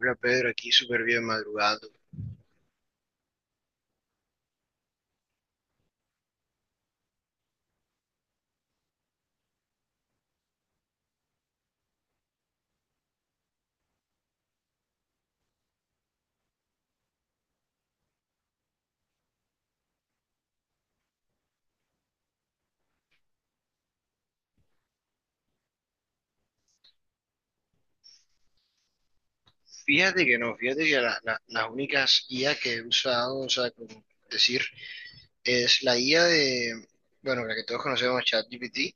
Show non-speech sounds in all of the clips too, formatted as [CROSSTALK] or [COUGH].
Hola Pedro, aquí súper bien madrugando. Fíjate que no, fíjate que las únicas IA que he usado, o sea, como decir, es la IA de, bueno, la que todos conocemos, ChatGPT,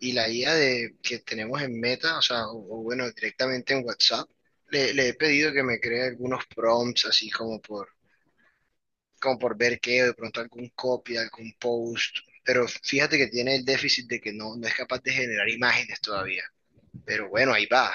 y la IA de, que tenemos en Meta, o sea, o bueno, directamente en WhatsApp. Le he pedido que me cree algunos prompts, así como por, como por ver qué, o de pronto algún copy, algún post. Pero fíjate que tiene el déficit de que no, no es capaz de generar imágenes todavía. Pero bueno, ahí va.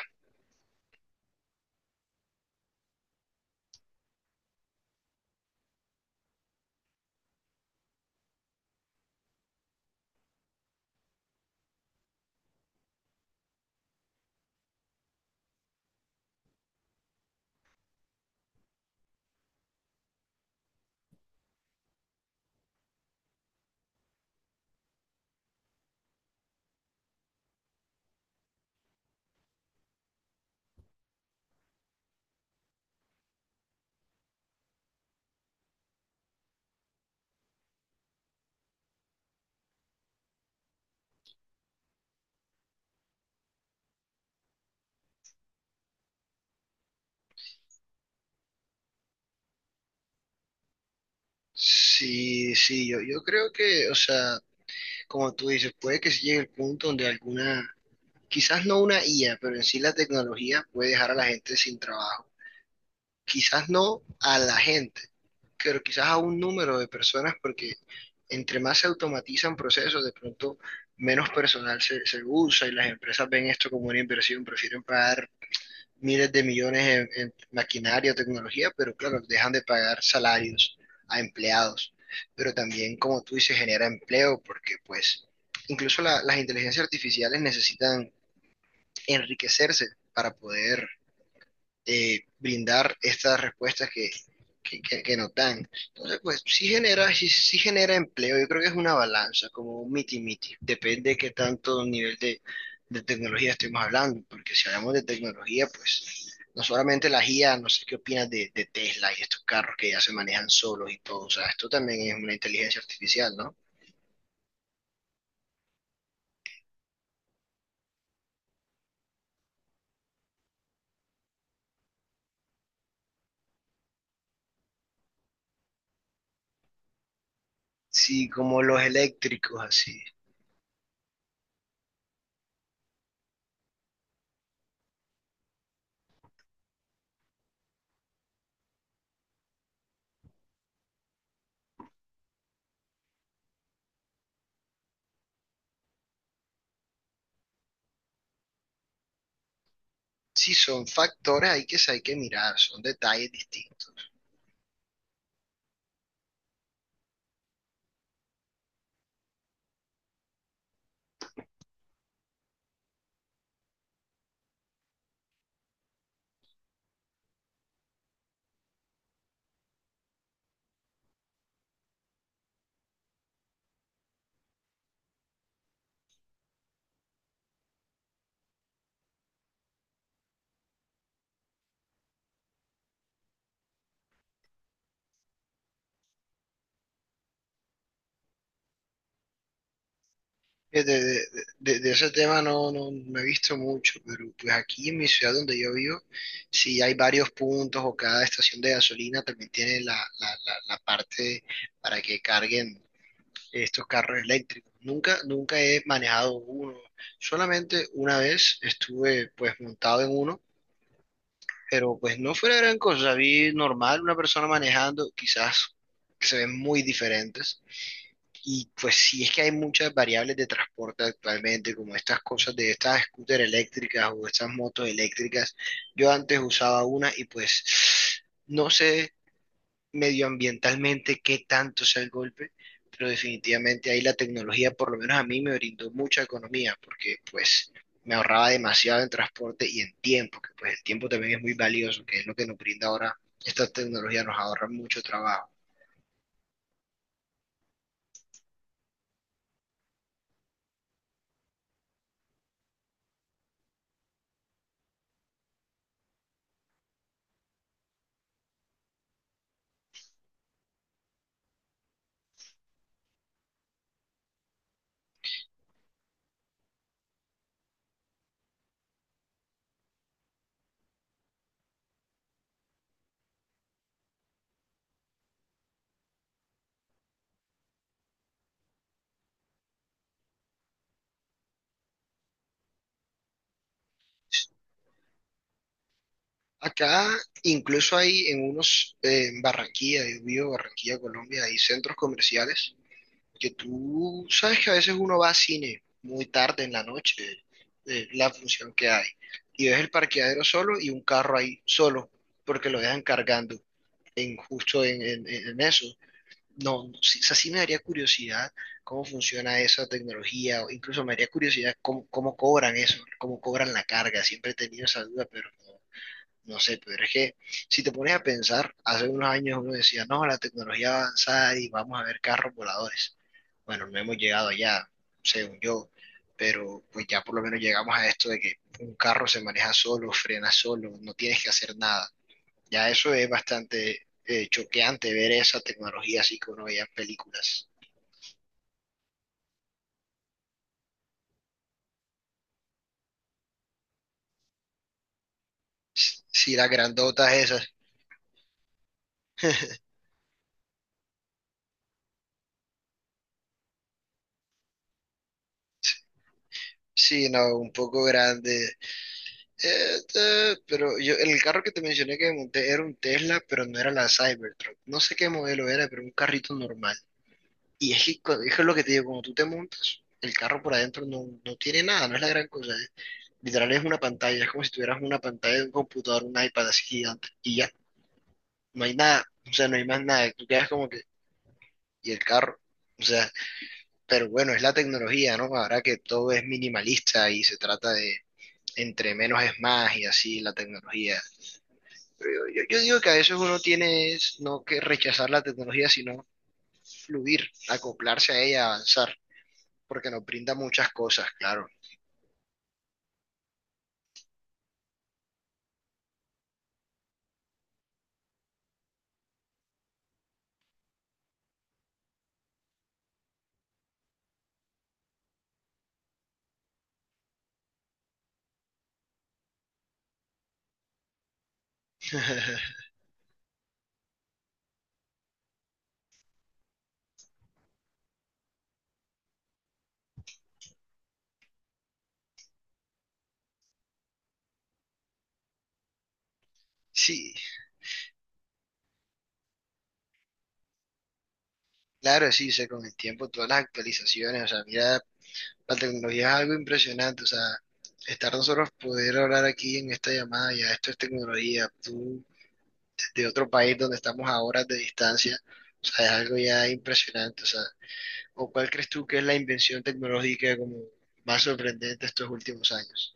Sí, sí, yo creo que, o sea, como tú dices, puede que se llegue el punto donde alguna, quizás no una IA, pero en sí la tecnología puede dejar a la gente sin trabajo. Quizás no a la gente, pero quizás a un número de personas, porque entre más se automatizan procesos, de pronto menos personal se usa y las empresas ven esto como una inversión, prefieren pagar miles de millones en maquinaria o tecnología, pero claro, dejan de pagar salarios a empleados. Pero también, como tú dices, genera empleo porque pues incluso las inteligencias artificiales necesitan enriquecerse para poder brindar estas respuestas que, que nos dan. Entonces, pues sí genera, sí, sí genera empleo, yo creo que es una balanza, como un miti-miti, depende de qué tanto nivel de tecnología estemos hablando, porque si hablamos de tecnología, pues no solamente la IA, no sé qué opinas de Tesla y estos carros que ya se manejan solos y todo, o sea, esto también es una inteligencia artificial, ¿no? Sí, como los eléctricos, así. Sí, son factores, hay que mirar, son detalles distintos. Fíjate, de, de ese tema no, no, no he visto mucho, pero pues aquí en mi ciudad donde yo vivo, sí hay varios puntos o cada estación de gasolina también tiene la parte para que carguen estos carros eléctricos. Nunca, nunca he manejado uno, solamente una vez estuve pues montado en uno, pero pues no fue la gran cosa, vi normal una persona manejando, quizás que se ven muy diferentes y pues sí es que hay muchas variables de transporte actualmente, como estas cosas de estas scooters eléctricas o estas motos eléctricas. Yo antes usaba una y pues no sé medioambientalmente qué tanto sea el golpe, pero definitivamente ahí la tecnología, por lo menos a mí, me brindó mucha economía porque pues me ahorraba demasiado en transporte y en tiempo, que pues el tiempo también es muy valioso, que es lo que nos brinda ahora esta tecnología, nos ahorra mucho trabajo. Acá incluso hay en unos, en Barranquilla, yo vivo Barranquilla, Colombia, hay centros comerciales que tú sabes que a veces uno va a cine muy tarde en la noche, la función que hay, y ves el parqueadero solo y un carro ahí solo, porque lo dejan cargando en, justo en, en eso. No, no, sí, o sea, sí me daría curiosidad cómo funciona esa tecnología, o incluso me daría curiosidad cómo, cómo cobran eso, cómo cobran la carga, siempre he tenido esa duda, pero no. No sé, pero es que si te pones a pensar, hace unos años uno decía, no, la tecnología avanzada y vamos a ver carros voladores. Bueno, no hemos llegado allá, según yo, pero pues ya por lo menos llegamos a esto de que un carro se maneja solo, frena solo, no tienes que hacer nada. Ya eso es bastante choqueante ver esa tecnología así que uno veía en películas. Sí, las grandotas esas. Sí, no, un poco grande. Pero yo, el carro que te mencioné que monté era un Tesla, pero no era la Cybertruck. No sé qué modelo era, pero un carrito normal. Y es que, es que es lo que te digo, cuando tú te montas, el carro por adentro no, no tiene nada, no es la gran cosa. Literal es una pantalla, es como si tuvieras una pantalla de un computador, un iPad así gigante. Y ya, no hay nada, o sea, no hay más nada. Tú quedas como que, y el carro, o sea, pero bueno, es la tecnología, ¿no? Ahora que todo es minimalista y se trata de entre menos es más y así la tecnología. Pero yo digo que a veces uno tiene es no que rechazar la tecnología, sino fluir, acoplarse a ella, avanzar, porque nos brinda muchas cosas, claro. [LAUGHS] Sí, claro, sí, sé, con el tiempo todas las actualizaciones, o sea, mira, la tecnología es algo impresionante, o sea, estar nosotros poder hablar aquí en esta llamada, ya esto es tecnología, tú de otro país donde estamos a horas de distancia, o sea, es algo ya impresionante, o sea, ¿o cuál crees tú que es la invención tecnológica como más sorprendente estos últimos años?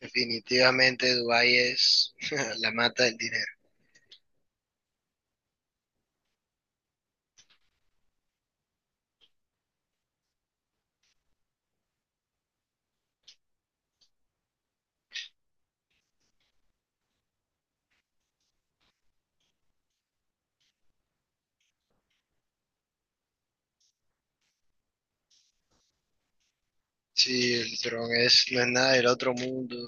Definitivamente Dubái es [LAUGHS] la mata del dinero. Sí, el dron es, no es nada del otro mundo.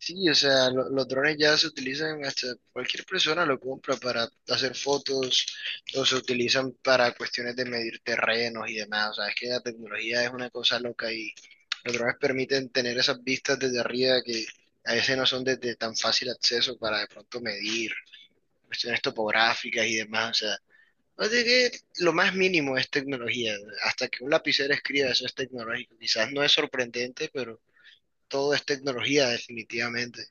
Sí, o sea, los drones ya se utilizan hasta cualquier persona lo compra para hacer fotos o se utilizan para cuestiones de medir terrenos y demás. O sea, es que la tecnología es una cosa loca y los drones permiten tener esas vistas desde arriba que a veces no son de tan fácil acceso para de pronto medir cuestiones topográficas y demás. O sea que lo más mínimo es tecnología. Hasta que un lapicero escriba, eso es tecnológico. Quizás no es sorprendente, pero todo es tecnología, definitivamente.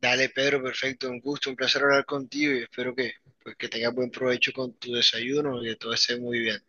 Dale, Pedro, perfecto. Un gusto, un placer hablar contigo y espero que, pues, que tengas buen provecho con tu desayuno y que todo esté muy bien.